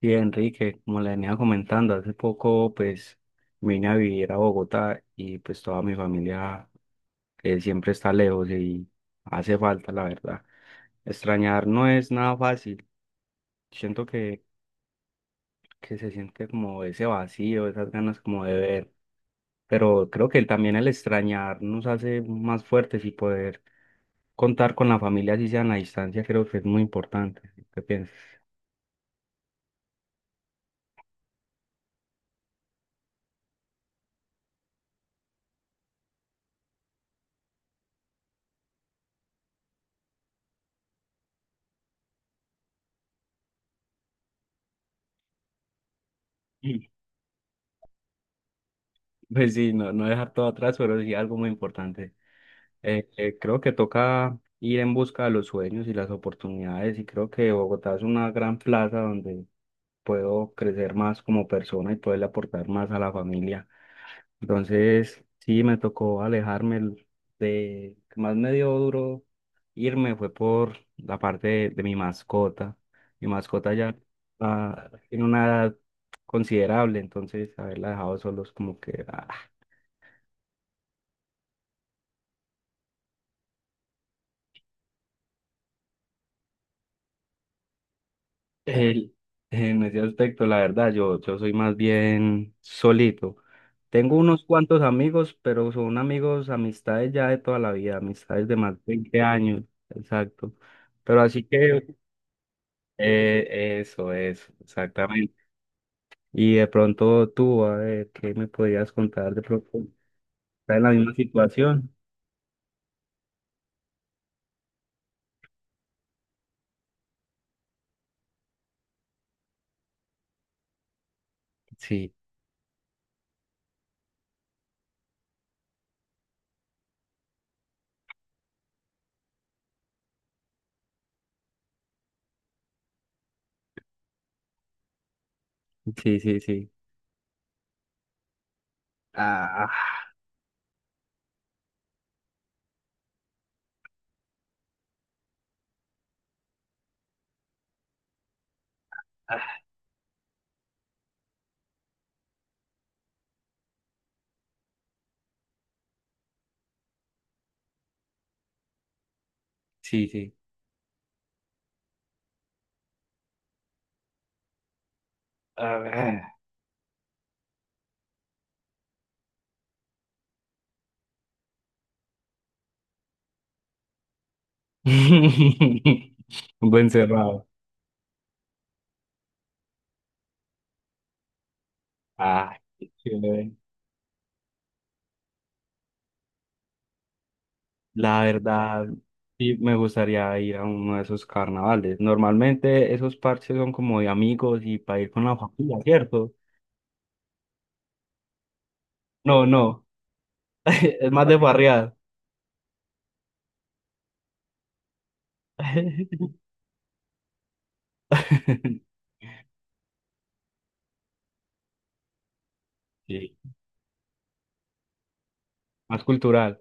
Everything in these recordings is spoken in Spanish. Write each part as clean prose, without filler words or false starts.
Sí, Enrique, como le venía comentando, hace poco pues vine a vivir a Bogotá y pues toda mi familia siempre está lejos y hace falta, la verdad. Extrañar no es nada fácil. Siento que se siente como ese vacío, esas ganas como de ver, pero creo que también el extrañar nos hace más fuertes y poder contar con la familia, así sea en la distancia, creo que es muy importante. ¿Qué piensas? Sí. Pues sí, no, no dejar todo atrás, pero sí algo muy importante. Creo que toca ir en busca de los sueños y las oportunidades y creo que Bogotá es una gran plaza donde puedo crecer más como persona y poderle aportar más a la familia. Entonces, sí, me tocó de, que más me dio duro irme fue por la parte de mi mascota. Mi mascota ya tiene una edad considerable, entonces haberla dejado solos como que... ah, El- en ese aspecto, la verdad, yo soy más bien solito. Tengo unos cuantos amigos, pero son amigos, amistades ya de toda la vida, amistades de más de 20 años, exacto. Pero así que, exactamente. Y de pronto tú, a ver, ¿qué me podías contar de pronto? ¿Estás en la misma situación? Sí, sí, sí, sí. Ah, ah, sí, sí. A ver. Un buen cerrado. Ah, qué chévere. La verdad, sí me gustaría ir a uno de esos carnavales. Normalmente esos parches son como de amigos y para ir con la familia, ¿cierto? No, no, es más de farrear. Sí, más cultural.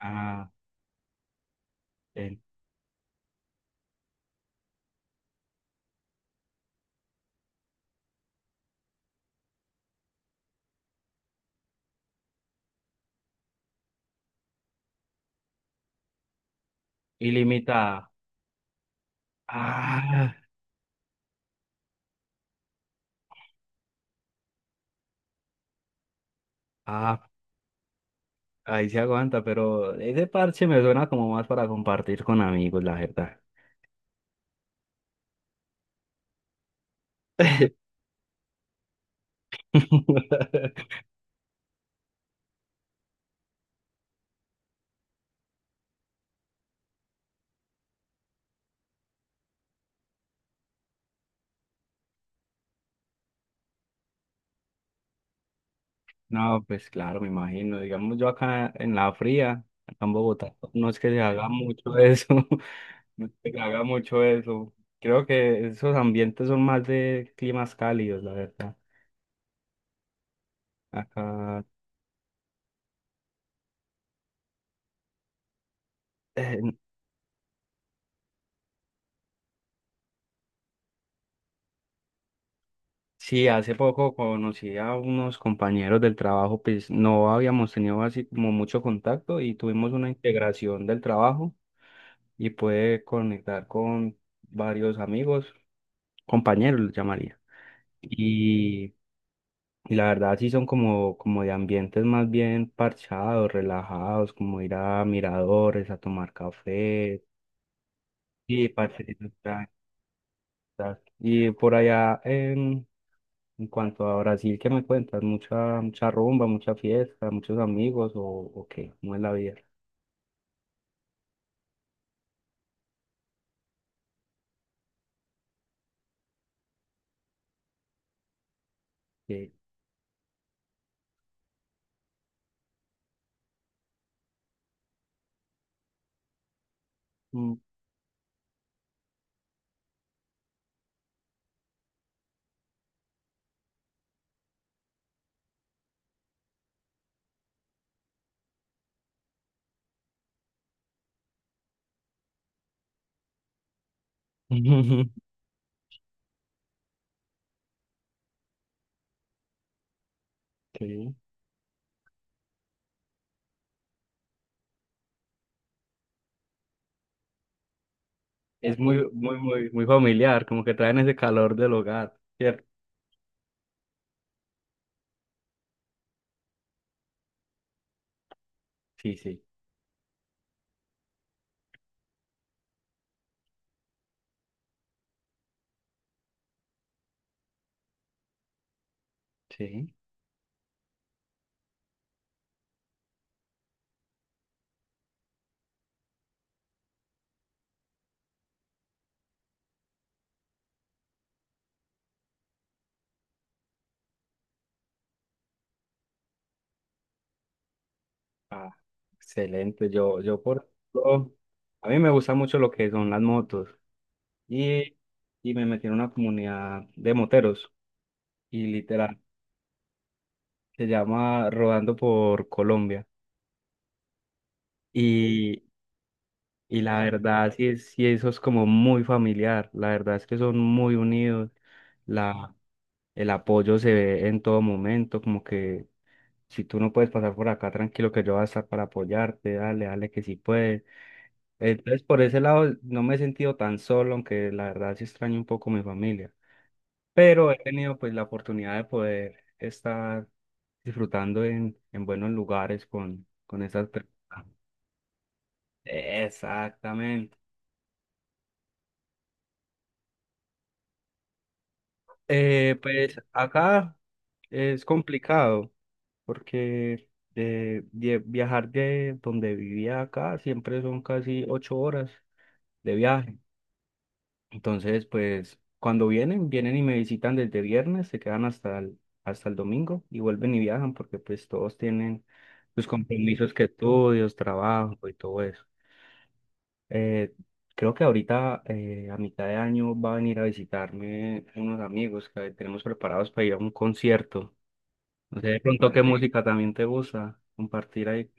Ah, bien. Ilimitada. Ah, ah, ahí se aguanta, pero ese parche me suena como más para compartir con amigos, la verdad. No, pues claro, me imagino. Digamos, yo acá en la fría, acá en Bogotá, no es que se haga mucho eso, no es que se haga mucho eso. Creo que esos ambientes son más de climas cálidos, la verdad. Acá, eh, sí, hace poco conocí a unos compañeros del trabajo, pues no habíamos tenido así como mucho contacto y tuvimos una integración del trabajo y pude conectar con varios amigos, compañeros, los llamaría. Y Y la verdad sí son como, como de ambientes más bien parchados, relajados, como ir a miradores, a tomar café. Sí, parceritos. Y por allá, en cuanto a Brasil, ¿qué me cuentas? ¿Mucha, mucha rumba, mucha fiesta, muchos amigos o qué? ¿Cómo es la vida? Sí. Mm. Sí. Es muy, muy, muy, muy familiar, como que traen ese calor del hogar, ¿cierto? Sí, sí. Sí. Ah, excelente. Yo por ejemplo, a mí me gusta mucho lo que son las motos y, y me metí en una comunidad de moteros literal se llama Rodando por Colombia y, y la verdad sí, sí eso es como muy familiar. La verdad es que son muy unidos. La, el apoyo se ve en todo momento, como que si tú no puedes pasar por acá, tranquilo que yo voy a estar para apoyarte, dale, dale que sí puedes. Entonces, por ese lado, no me he sentido tan solo, aunque la verdad sí extraño un poco mi familia. Pero he tenido pues la oportunidad de poder estar disfrutando en buenos lugares con esas personas. Exactamente. Pues acá es complicado porque de viajar de donde vivía acá siempre son casi 8 horas de viaje. Entonces, pues cuando vienen, vienen y me visitan desde viernes, se quedan hasta hasta el domingo y vuelven y viajan porque pues todos tienen sus compromisos que estudios, trabajo y todo eso. Eh, creo que ahorita a mitad de año va a venir a visitarme unos amigos que tenemos preparados para ir a un concierto. No sé de pronto qué Vale. Música también te gusta compartir ahí.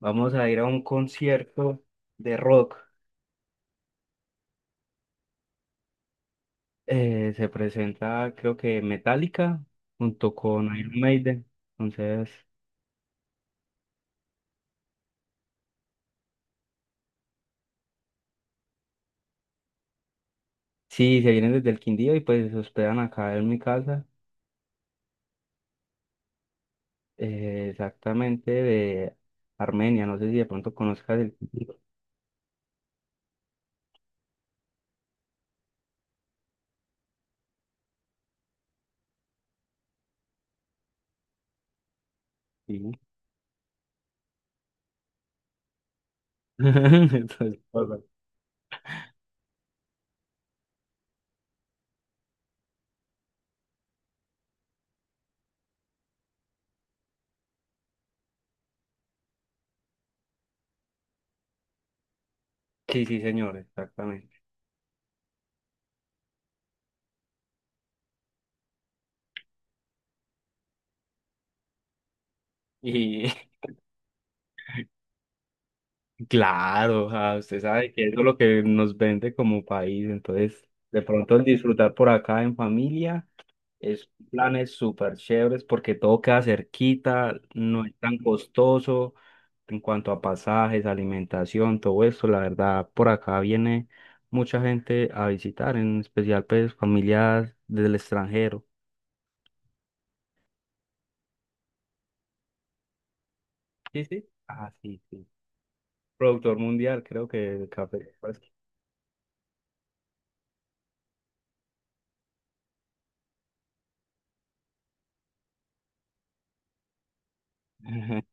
Vamos a ir a un concierto de rock. Se presenta, creo que Metallica junto con Iron Maiden. Entonces, sí, se vienen desde el Quindío y pues se hospedan acá en mi casa, exactamente de Armenia. No sé si de pronto conozcas el Quindío. Sí. Entonces, hola. Sí, sí, señor, exactamente. Y claro, ah, usted sabe que eso es lo que nos vende como país. Entonces, de pronto el disfrutar por acá en familia. Es planes súper chéveres porque todo queda cerquita, no es tan costoso en cuanto a pasajes, alimentación, todo eso. La verdad, por acá viene mucha gente a visitar, en especial pues familias del extranjero. Sí, sí. Ah, sí, sí. Productor mundial, creo que el café.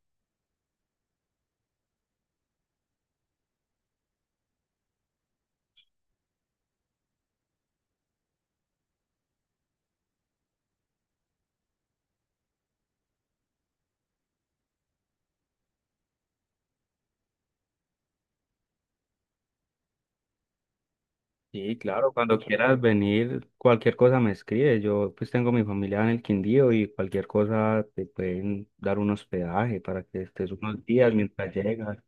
Sí, claro, cuando quieras venir, cualquier cosa me escribes. Yo pues tengo mi familia en el Quindío y cualquier cosa te pueden dar un hospedaje para que estés unos días mientras llegas.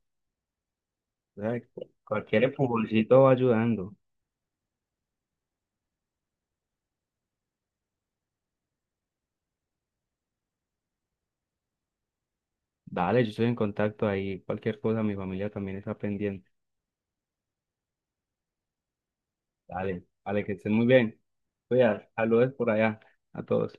O sea, cualquier empujoncito va ayudando. Dale, yo estoy en contacto ahí. Cualquier cosa, mi familia también está pendiente. Dale, dale, que estén muy bien. Cuidado, saludos por allá a todos.